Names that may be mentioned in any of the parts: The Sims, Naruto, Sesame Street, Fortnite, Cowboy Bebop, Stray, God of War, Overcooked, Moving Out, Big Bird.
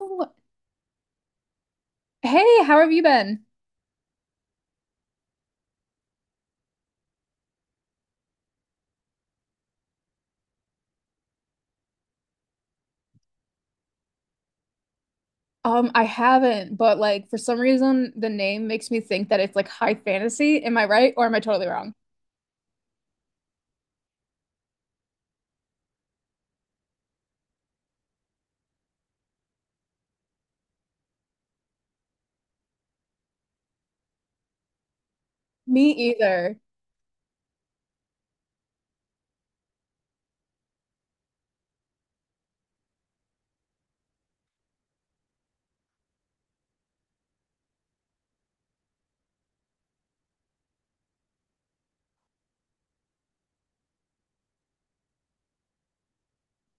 Oh, hey, how have you been? I haven't, but like for some reason the name makes me think that it's like high fantasy. Am I right or am I totally wrong? Me either.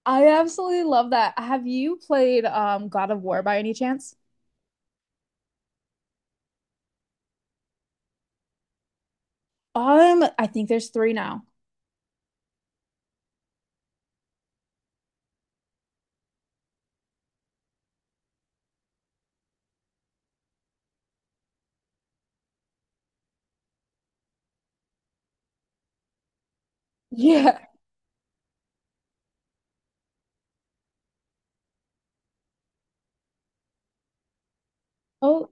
I absolutely love that. Have you played God of War by any chance? I think there's three now. Yeah. Oh,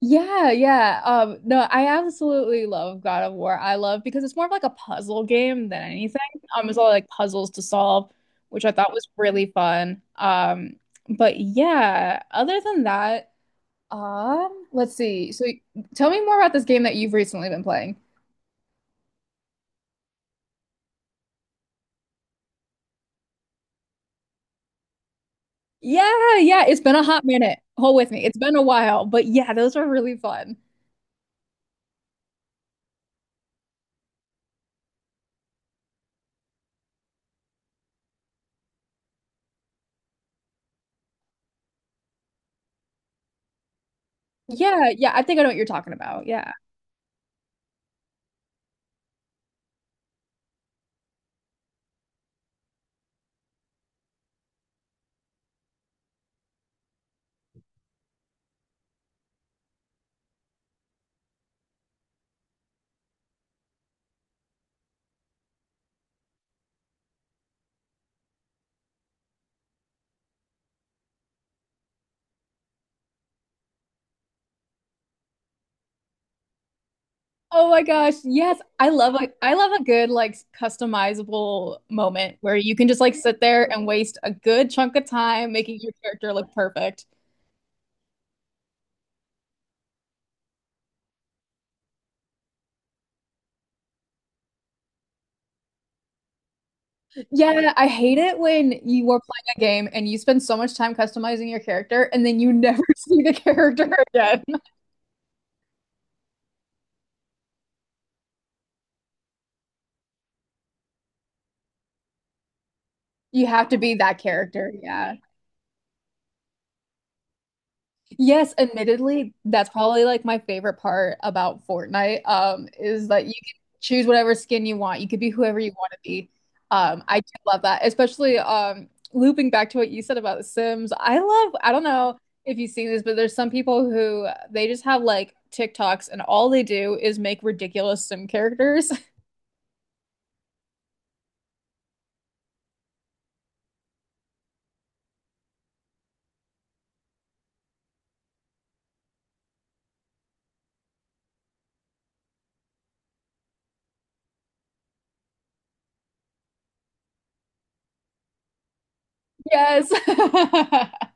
yeah, yeah. No, I absolutely love God of War. I love because it's more of like a puzzle game than anything. It's all like puzzles to solve, which I thought was really fun. But yeah, other than that, let's see. So tell me more about this game that you've recently been playing. Yeah, yeah, it's been a hot minute. Hold with me. It's been a while, but yeah, those are really fun. Yeah, yeah, I think I know what you're talking about. Yeah. Oh my gosh. Yes. I love a good like customizable moment where you can just like sit there and waste a good chunk of time making your character look perfect. Yeah, I hate it when you are playing a game and you spend so much time customizing your character and then you never see the character again. You have to be that character. Yeah. Yes, admittedly, that's probably like my favorite part about Fortnite, is that you can choose whatever skin you want. You could be whoever you want to be. I do love that, especially looping back to what you said about The Sims. I love, I don't know if you've seen this, but there's some people who they just have like TikToks and all they do is make ridiculous Sim characters. Yes.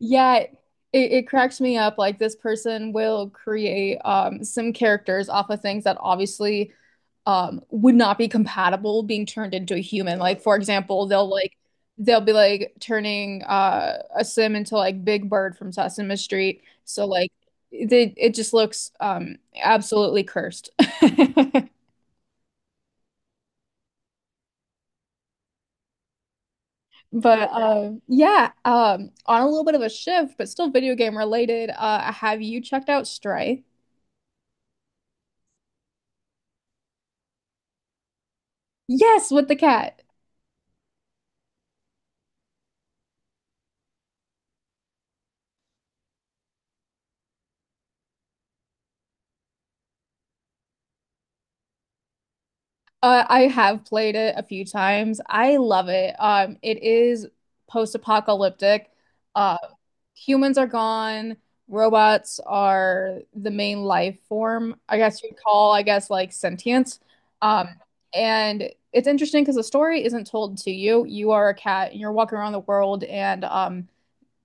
Yeah, it, it cracks me up. Like this person will create some characters off of things that obviously would not be compatible being turned into a human. Like for example, they'll be like turning a sim into like Big Bird from Sesame Street. So like they it just looks absolutely cursed. But yeah, on a little bit of a shift, but still video game related, have you checked out Stray? Yes, with the cat. I have played it a few times. I love it. It is post-apocalyptic. Uh, humans are gone, robots are the main life form, I guess you'd call, I guess, like sentience. Um, and it's interesting because the story isn't told to you. You are a cat and you're walking around the world and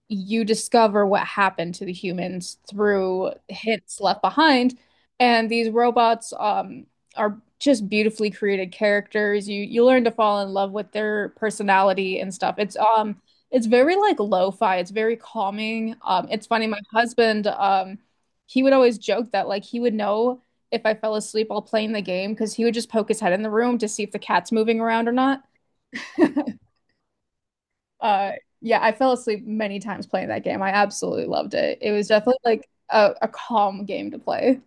you discover what happened to the humans through hints left behind. And these robots are just beautifully created characters. You learn to fall in love with their personality and stuff. It's it's very like lo-fi. It's very calming. It's funny. My husband he would always joke that like he would know if I fell asleep while playing the game because he would just poke his head in the room to see if the cat's moving around or not. Uh, yeah, I fell asleep many times playing that game. I absolutely loved it. It was definitely like a calm game to play.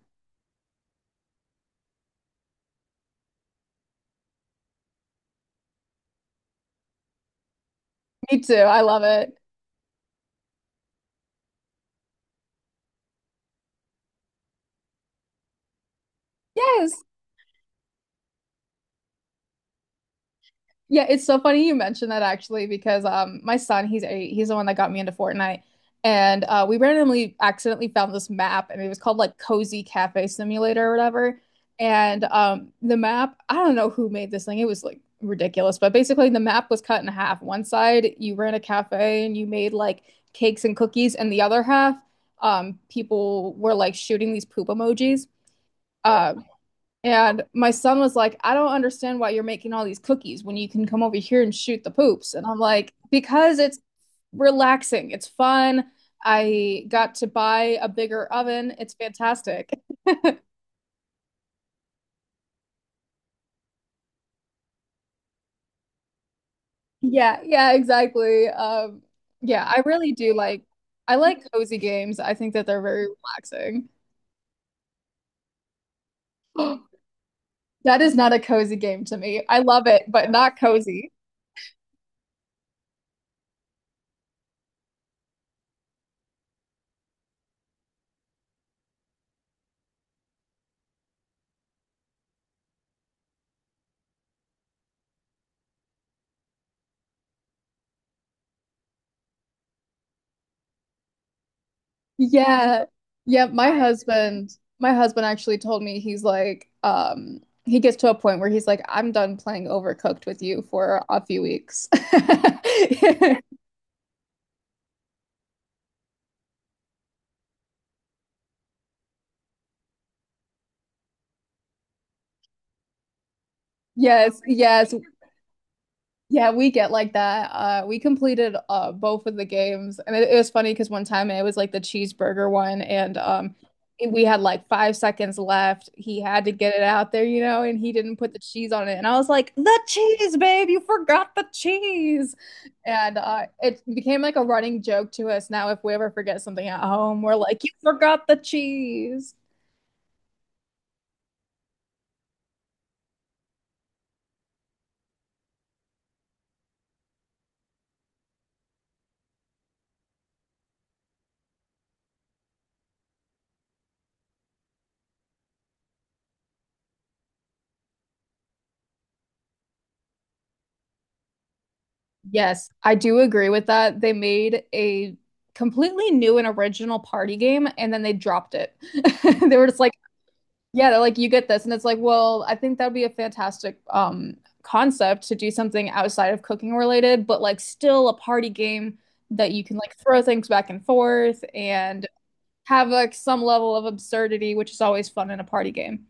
Me too. I love it. Yes. Yeah, it's so funny you mentioned that actually because my son he's 8 he's the one that got me into Fortnite and we randomly accidentally found this map and it was called like Cozy Cafe Simulator or whatever and the map I don't know who made this thing it was like ridiculous but basically the map was cut in half one side you ran a cafe and you made like cakes and cookies and the other half people were like shooting these poop emojis. Uh, and my son was like, I don't understand why you're making all these cookies when you can come over here and shoot the poops. And I'm like, because it's relaxing, it's fun. I got to buy a bigger oven. It's fantastic. Yeah, yeah, exactly. Yeah, I really do like I like cozy games. I think that they're very relaxing. That is not a cozy game to me. I love it, but not cozy. Yeah. Yeah, my husband, my husband actually told me he's like, he gets to a point where he's like, I'm done playing Overcooked with you for a few weeks. Yes, yes, Yeah, we get like that. We completed both of the games, and it was funny because one time it was like the cheeseburger one, and it- we had like 5 seconds left. He had to get it out there, you know, and he didn't put the cheese on it, and I was like, "The cheese, babe! You forgot the cheese!" And it became like a running joke to us now. If we ever forget something at home, we're like, "You forgot the cheese." Yes, I do agree with that. They made a completely new and original party game and then they dropped it. They were just like, yeah, they're like, you get this. And it's like, well, I think that would be a fantastic concept to do something outside of cooking related, but like still a party game that you can like throw things back and forth and have like some level of absurdity, which is always fun in a party game.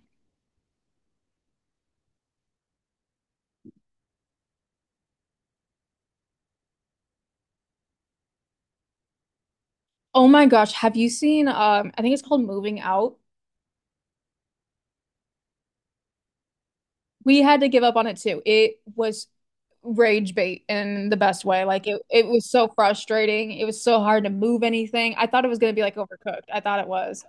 Oh my gosh, have you seen I think it's called Moving Out? We had to give up on it too. It was rage bait in the best way. It was so frustrating. It was so hard to move anything. I thought it was gonna be like overcooked. I thought it was.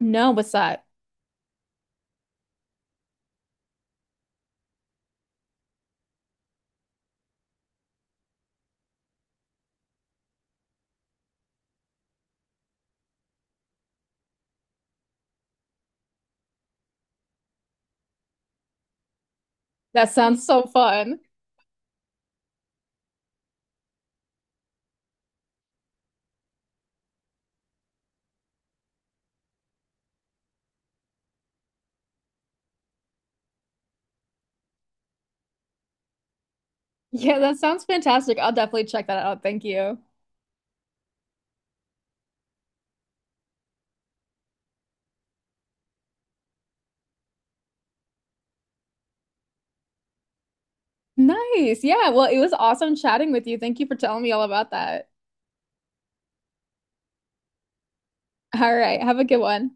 No, what's that? That sounds so fun. Yeah, that sounds fantastic. I'll definitely check that out. Thank you. Nice. Yeah, well, it was awesome chatting with you. Thank you for telling me all about that. All right, have a good one.